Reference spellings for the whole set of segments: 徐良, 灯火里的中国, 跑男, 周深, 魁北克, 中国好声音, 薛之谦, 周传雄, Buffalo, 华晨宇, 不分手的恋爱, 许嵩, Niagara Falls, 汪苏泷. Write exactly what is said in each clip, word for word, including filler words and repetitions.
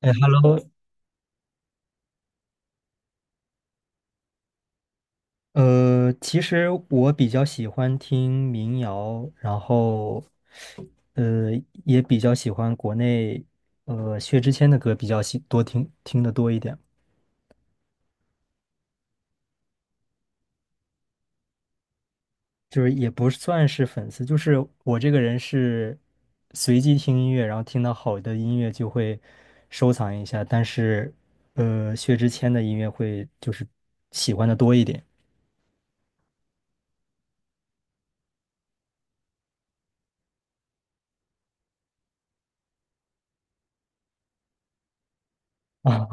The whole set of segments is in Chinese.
哎，Hello，呃，其实我比较喜欢听民谣，然后，呃，也比较喜欢国内，呃，薛之谦的歌比较喜多听听的多一点，就是也不算是粉丝，就是我这个人是随机听音乐，然后听到好的音乐就会收藏一下，但是，呃，薛之谦的音乐会就是喜欢的多一点。啊。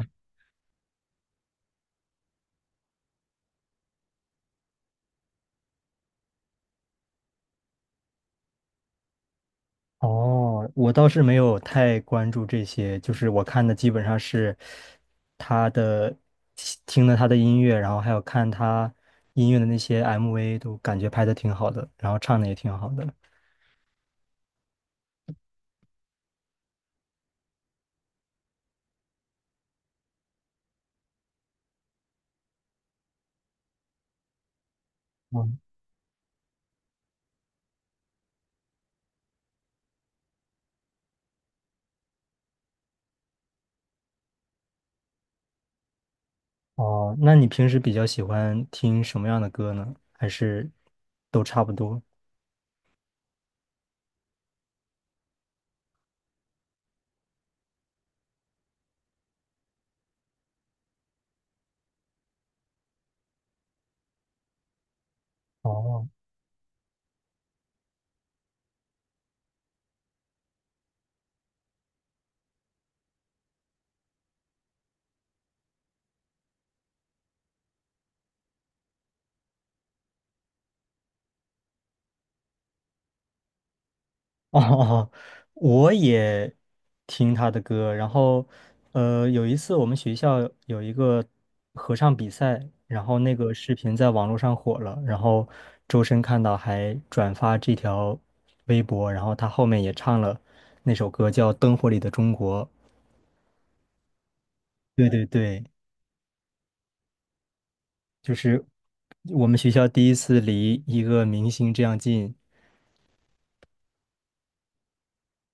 哦，我倒是没有太关注这些，就是我看的基本上是他的，听了他的音乐，然后还有看他音乐的那些 M V，都感觉拍的挺好的，然后唱的也挺好的。嗯，哦，那你平时比较喜欢听什么样的歌呢？还是都差不多？哦。哦，我也听他的歌，然后，呃，有一次我们学校有一个合唱比赛，然后那个视频在网络上火了，然后周深看到还转发这条微博，然后他后面也唱了那首歌叫《灯火里的中国》。对对对，就是我们学校第一次离一个明星这样近，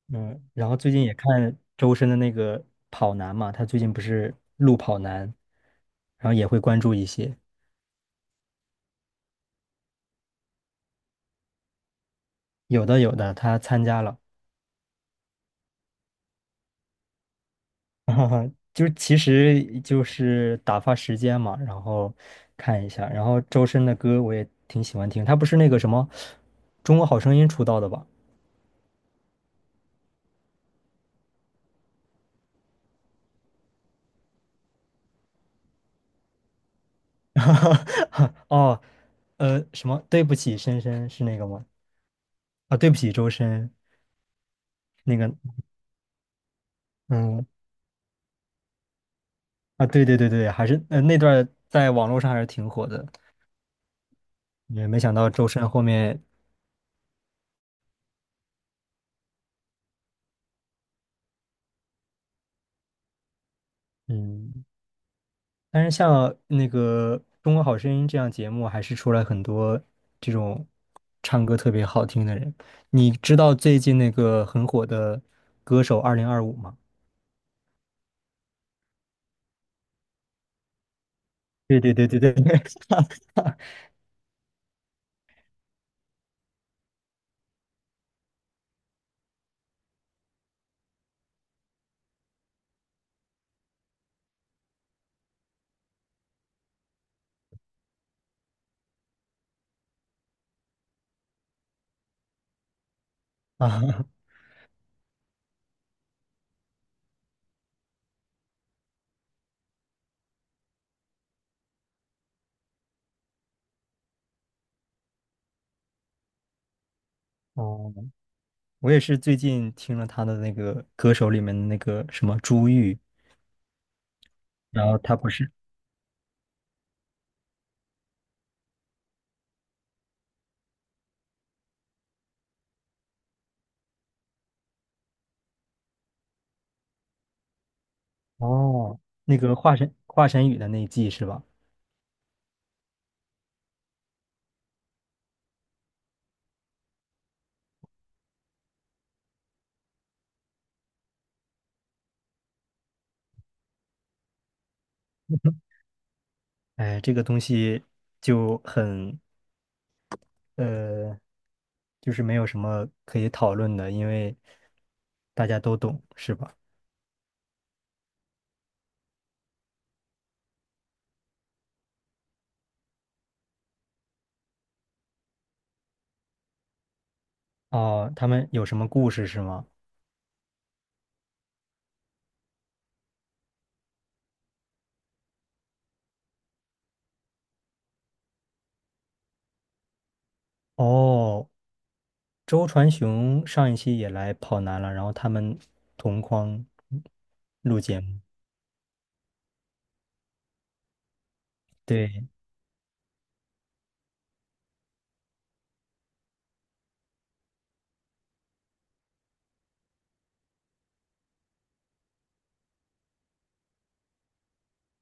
嗯，然后最近也看周深的那个跑男嘛，他最近不是录跑男，然后也会关注一些，有的有的他参加了，就是其实就是打发时间嘛，然后看一下，然后周深的歌我也挺喜欢听，他不是那个什么《中国好声音》出道的吧？哦，呃，什么对不起深深是那个吗？啊，对不起周深那个，嗯。啊，对对对对，还是呃那段儿在网络上还是挺火的，也没想到周深后面，嗯，但是像那个《中国好声音》这样节目，还是出来很多这种唱歌特别好听的人。你知道最近那个很火的歌手二零二五吗？对对对对对对 啊，哦，我也是最近听了他的那个歌手里面的那个什么朱玉，然后他不是哦，那个华晨华晨宇的那一季是吧？哎，这个东西就很呃，就是没有什么可以讨论的，因为大家都懂，是吧？哦，他们有什么故事是吗？哦，周传雄上一期也来跑男了，然后他们同框录节目。对，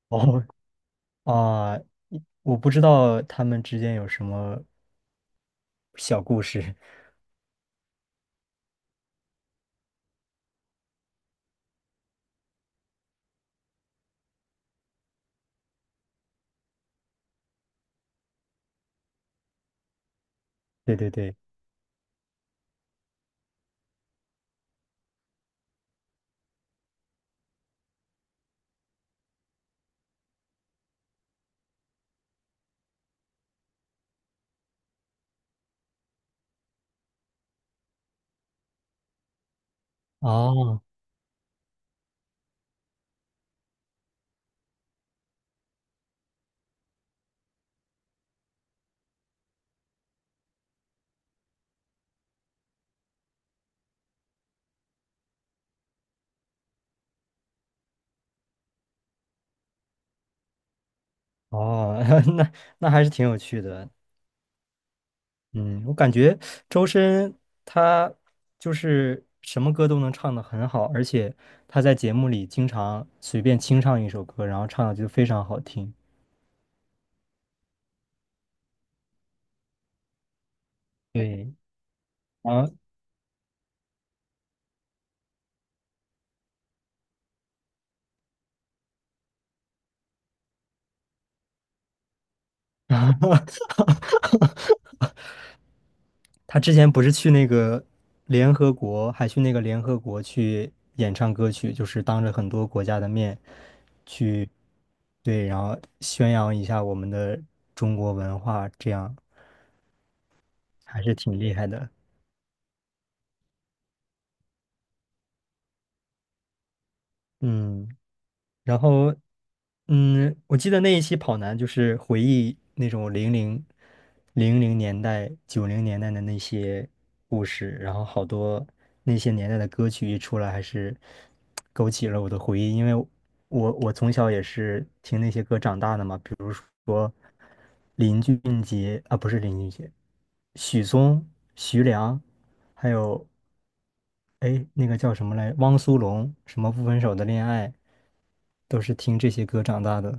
哦啊，我不知道他们之间有什么小故事。对对对，哦哦，那那还是挺有趣的。嗯，我感觉周深他就是什么歌都能唱得很好，而且他在节目里经常随便清唱一首歌，然后唱的就非常好听。对，然后 他之前不是去那个联合国，还去那个联合国去演唱歌曲，就是当着很多国家的面去，对，然后宣扬一下我们的中国文化，这样还是挺厉害的。嗯，然后。嗯，我记得那一期跑男就是回忆那种零零零零年代、九零年代的那些故事，然后好多那些年代的歌曲一出来，还是勾起了我的回忆，因为我我从小也是听那些歌长大的嘛，比如说林俊杰啊，不是林俊杰，许嵩、徐良，还有哎那个叫什么来，汪苏泷，什么不分手的恋爱，都是听这些歌长大的。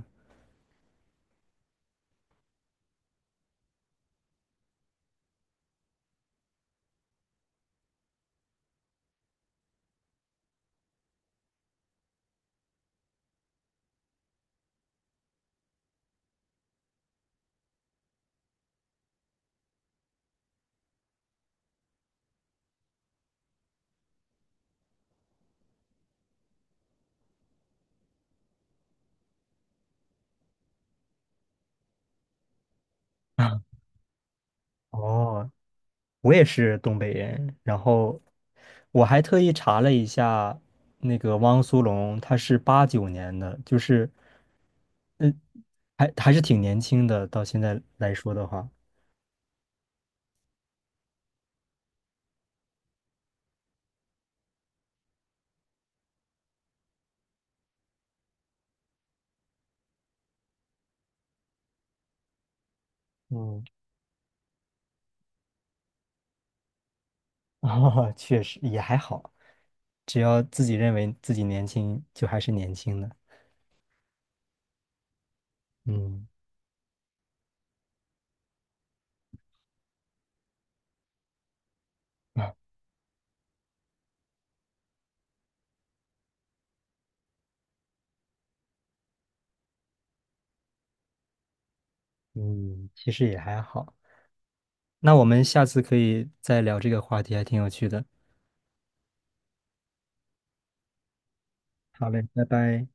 哦，我也是东北人，然后我还特意查了一下，那个汪苏泷他是八九年的，就是嗯，还还是挺年轻的，到现在来说的话，嗯，啊，确实也还好，只要自己认为自己年轻，就还是年轻的，嗯啊嗯，其实也还好。那我们下次可以再聊这个话题，还挺有趣的。好嘞，拜拜。